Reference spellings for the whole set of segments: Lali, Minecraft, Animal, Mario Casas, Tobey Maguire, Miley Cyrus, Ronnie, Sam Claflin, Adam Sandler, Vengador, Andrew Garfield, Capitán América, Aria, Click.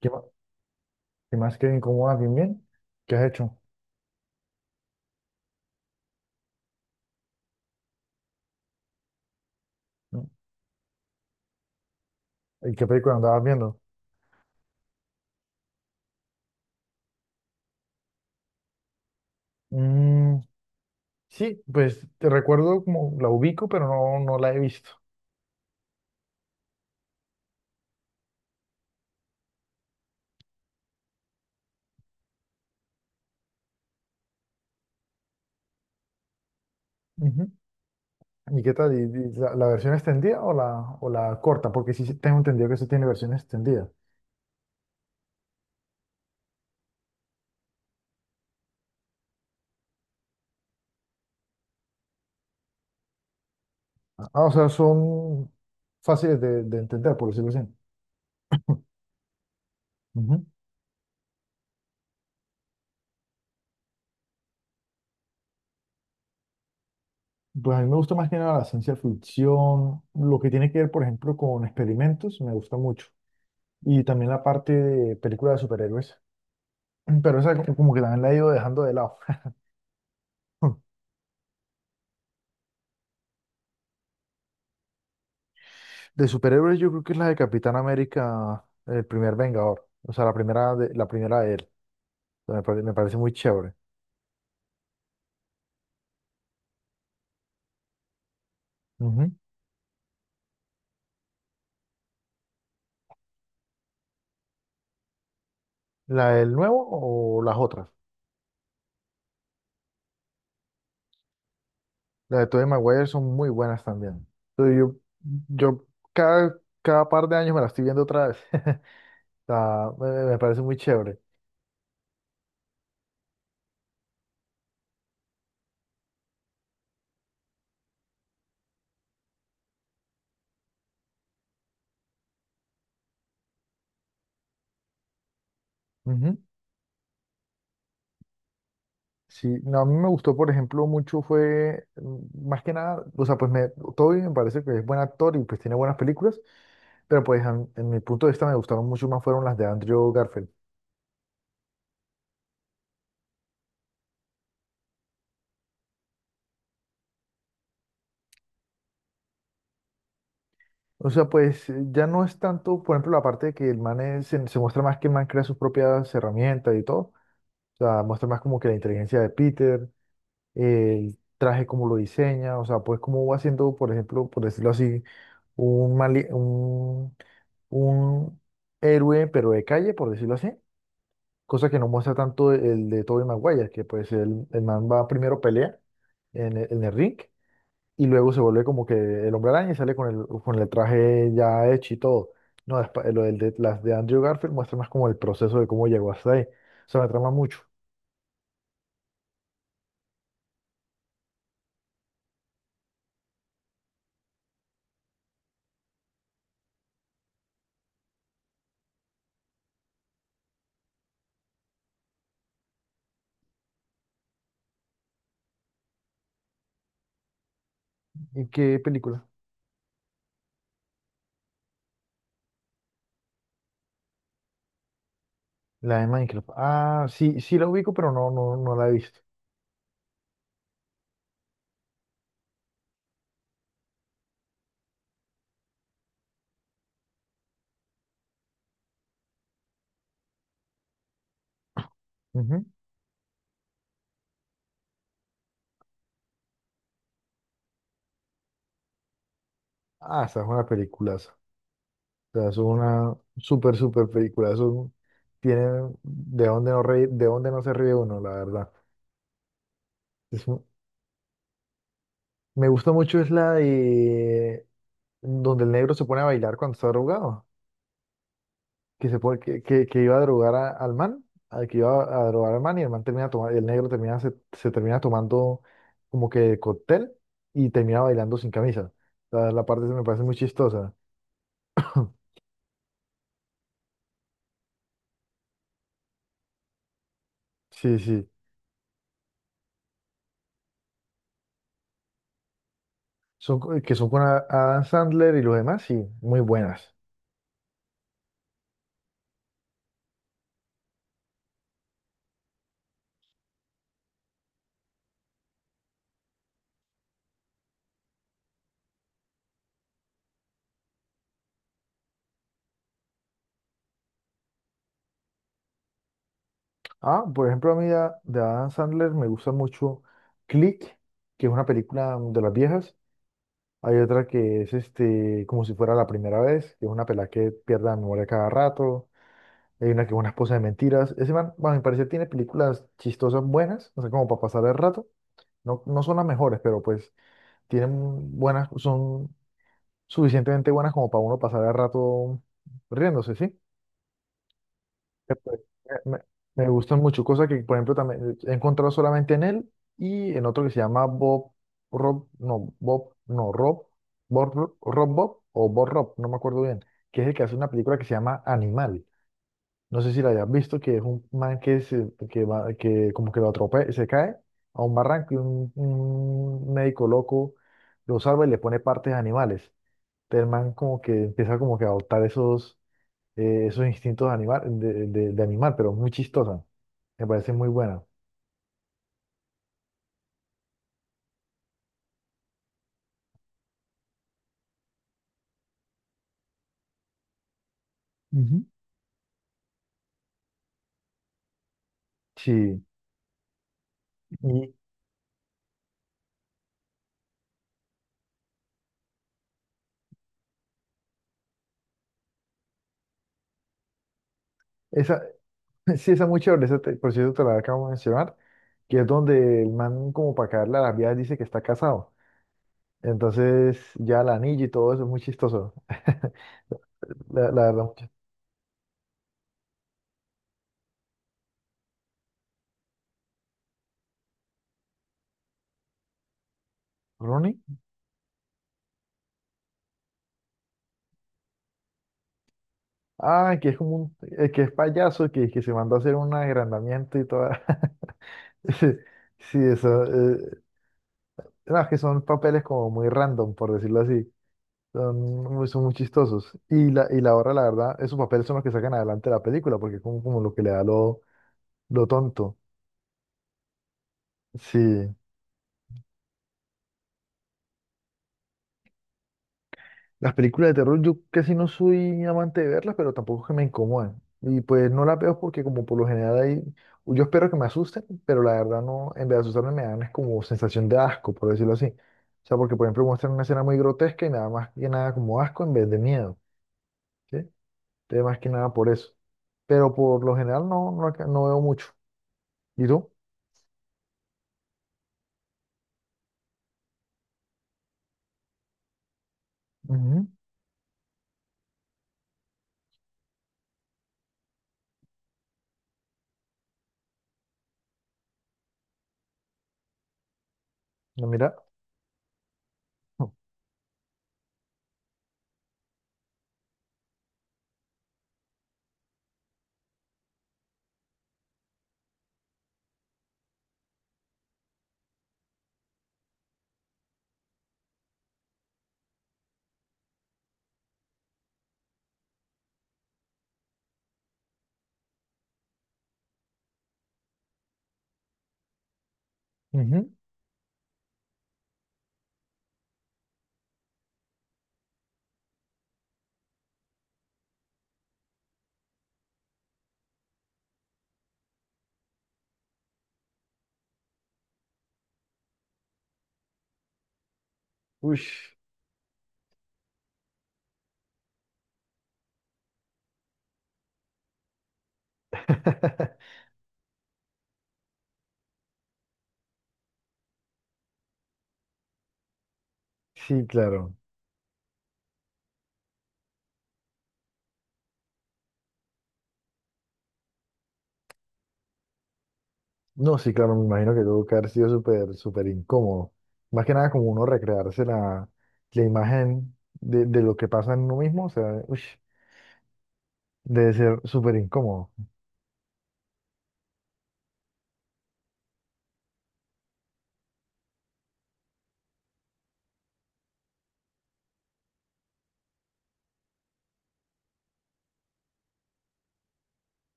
¿Qué más, qué más que incomoda también? ¿Qué has hecho? ¿No? ¿Y qué película andabas viendo? Mm, sí, pues te recuerdo como la ubico, pero no, no la he visto. Ujú. ¿Y qué tal? ¿Y la versión extendida o la corta? Porque sí tengo entendido que eso tiene versión extendida. Ah, o sea, son fáciles de entender, por decirlo así. Ujú. Pues a mí me gusta más que nada la ciencia ficción, lo que tiene que ver, por ejemplo, con experimentos, me gusta mucho. Y también la parte de películas de superhéroes. Pero esa como que también la he ido dejando de lado. De superhéroes yo creo que es la de Capitán América, el primer Vengador. O sea, la primera de él. O sea, me parece muy chévere. Ujú. ¿La del nuevo o las otras? Las de Tobey Maguire son muy buenas también. Entonces, yo cada, cada par de años me la estoy viendo otra vez. O sea, me parece muy chévere. Ujú. Sí, no, a mí me gustó, por ejemplo, mucho fue, más que nada, o sea, pues me, Toby me parece que es buen actor y pues tiene buenas películas, pero pues a mí- en mi punto de vista me gustaron mucho más fueron las de Andrew Garfield. O sea, pues ya no es tanto, por ejemplo, la parte de que el man se, se muestra más que el man crea sus propias herramientas y todo, o sea, muestra más como que la inteligencia de Peter, el traje como lo diseña, o sea, pues como va haciendo, por ejemplo, por decirlo así, un un héroe, pero de calle, por decirlo así, cosa que no muestra tanto el de Tobey Maguire, que pues el man va primero pelea en el ring y luego se vuelve como que el hombre araña y sale con el traje ya hecho y todo. No, lo del de, las de Andrew Garfield muestra más como el proceso de cómo llegó hasta ahí. O sea, me trama mucho. ¿Y qué película? La de Minecraft. Ah, sí, sí la ubico, pero no, no, no la he visto. Ujú. Ah, esa es una película. Sea, eso es una súper, súper película. Eso tiene de dónde no reír, de dónde no se ríe uno, la verdad. Es un- me gusta mucho es la de donde el negro se pone a bailar cuando está drogado. Que se pone, que iba a al man, al que iba a drogar al man y el man termina tomando, el negro termina, se termina tomando como que cóctel y termina bailando sin camisa. La parte se me parece muy chistosa. Sí, sí. Son, que son con Adam Sandler y los demás, sí, muy buenas. Ah, por ejemplo, a mí de Adam Sandler me gusta mucho Click, que es una película de las viejas. Hay otra que es este, como si fuera la primera vez, que es una pelada que pierde la memoria cada rato. Hay una que es una esposa de mentiras. Ese man, bueno, me parece tiene películas chistosas buenas, o sea, como para pasar el rato. No, no son las mejores, pero pues tienen buenas, son suficientemente buenas como para uno pasar el rato riéndose, ¿sí? Me, me gustan mucho, cosas que, por ejemplo, también he encontrado solamente en él y en otro que se llama Bob, Rob, no, Bob, no, Rob, Bob, Rob Bob o Bob Rob, no me acuerdo bien, que es el que hace una película que se llama Animal. No sé si la hayas visto, que es un man que, se, que, va, que como que lo atropella, se cae a un barranco y un médico loco lo salva y le pone partes a animales. Entonces el man como que empieza como que a adoptar esos esos instintos de animal, de animal, pero muy chistosa. Me parece muy buena. Ujú. Sí, y esa, sí, esa muy chévere, esa por cierto te la acabo de mencionar, que es donde el man como para caerle a las vías dice que está casado. Entonces ya la anillo y todo eso es muy chistoso. La verdad, mucho. ¿Ronnie? Ah, que es como un, que es payaso, que se mandó a hacer un agrandamiento y toda. Sí, sí, eso. No, es que son papeles como muy random, por decirlo así. Son muy chistosos. Y la hora, la verdad, esos papeles son los que sacan adelante la película, porque es como, como lo que le da lo tonto. Sí. Las películas de terror, yo casi no soy amante de verlas, pero tampoco es que me incomodan. Y pues no las veo porque como por lo general hay... Yo espero que me asusten, pero la verdad no, en vez de asustarme me dan es como sensación de asco, por decirlo así. O sea, porque por ejemplo muestran una escena muy grotesca y me da más que nada como asco en vez de miedo, ¿sí? Entonces más que nada por eso. Pero por lo general no, no, no veo mucho. ¿Y tú? Ujú, no, mira. Ujú. Ush. Sí, claro. No, sí, claro, me imagino que tuvo que haber sido súper, súper incómodo. Más que nada como uno recrearse la, la imagen de lo que pasa en uno mismo, o sea, ush, debe ser súper incómodo.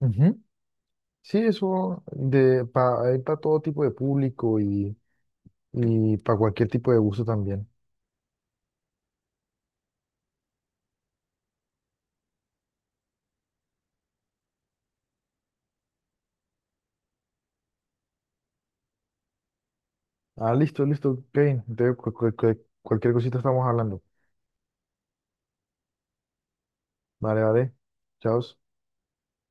Ujú. Sí, eso de pa, hay para todo tipo de público y para cualquier tipo de gusto también. Ah, listo, listo, Kevin. Entonces, cualquier cosita estamos hablando. Vale, vale. Chao.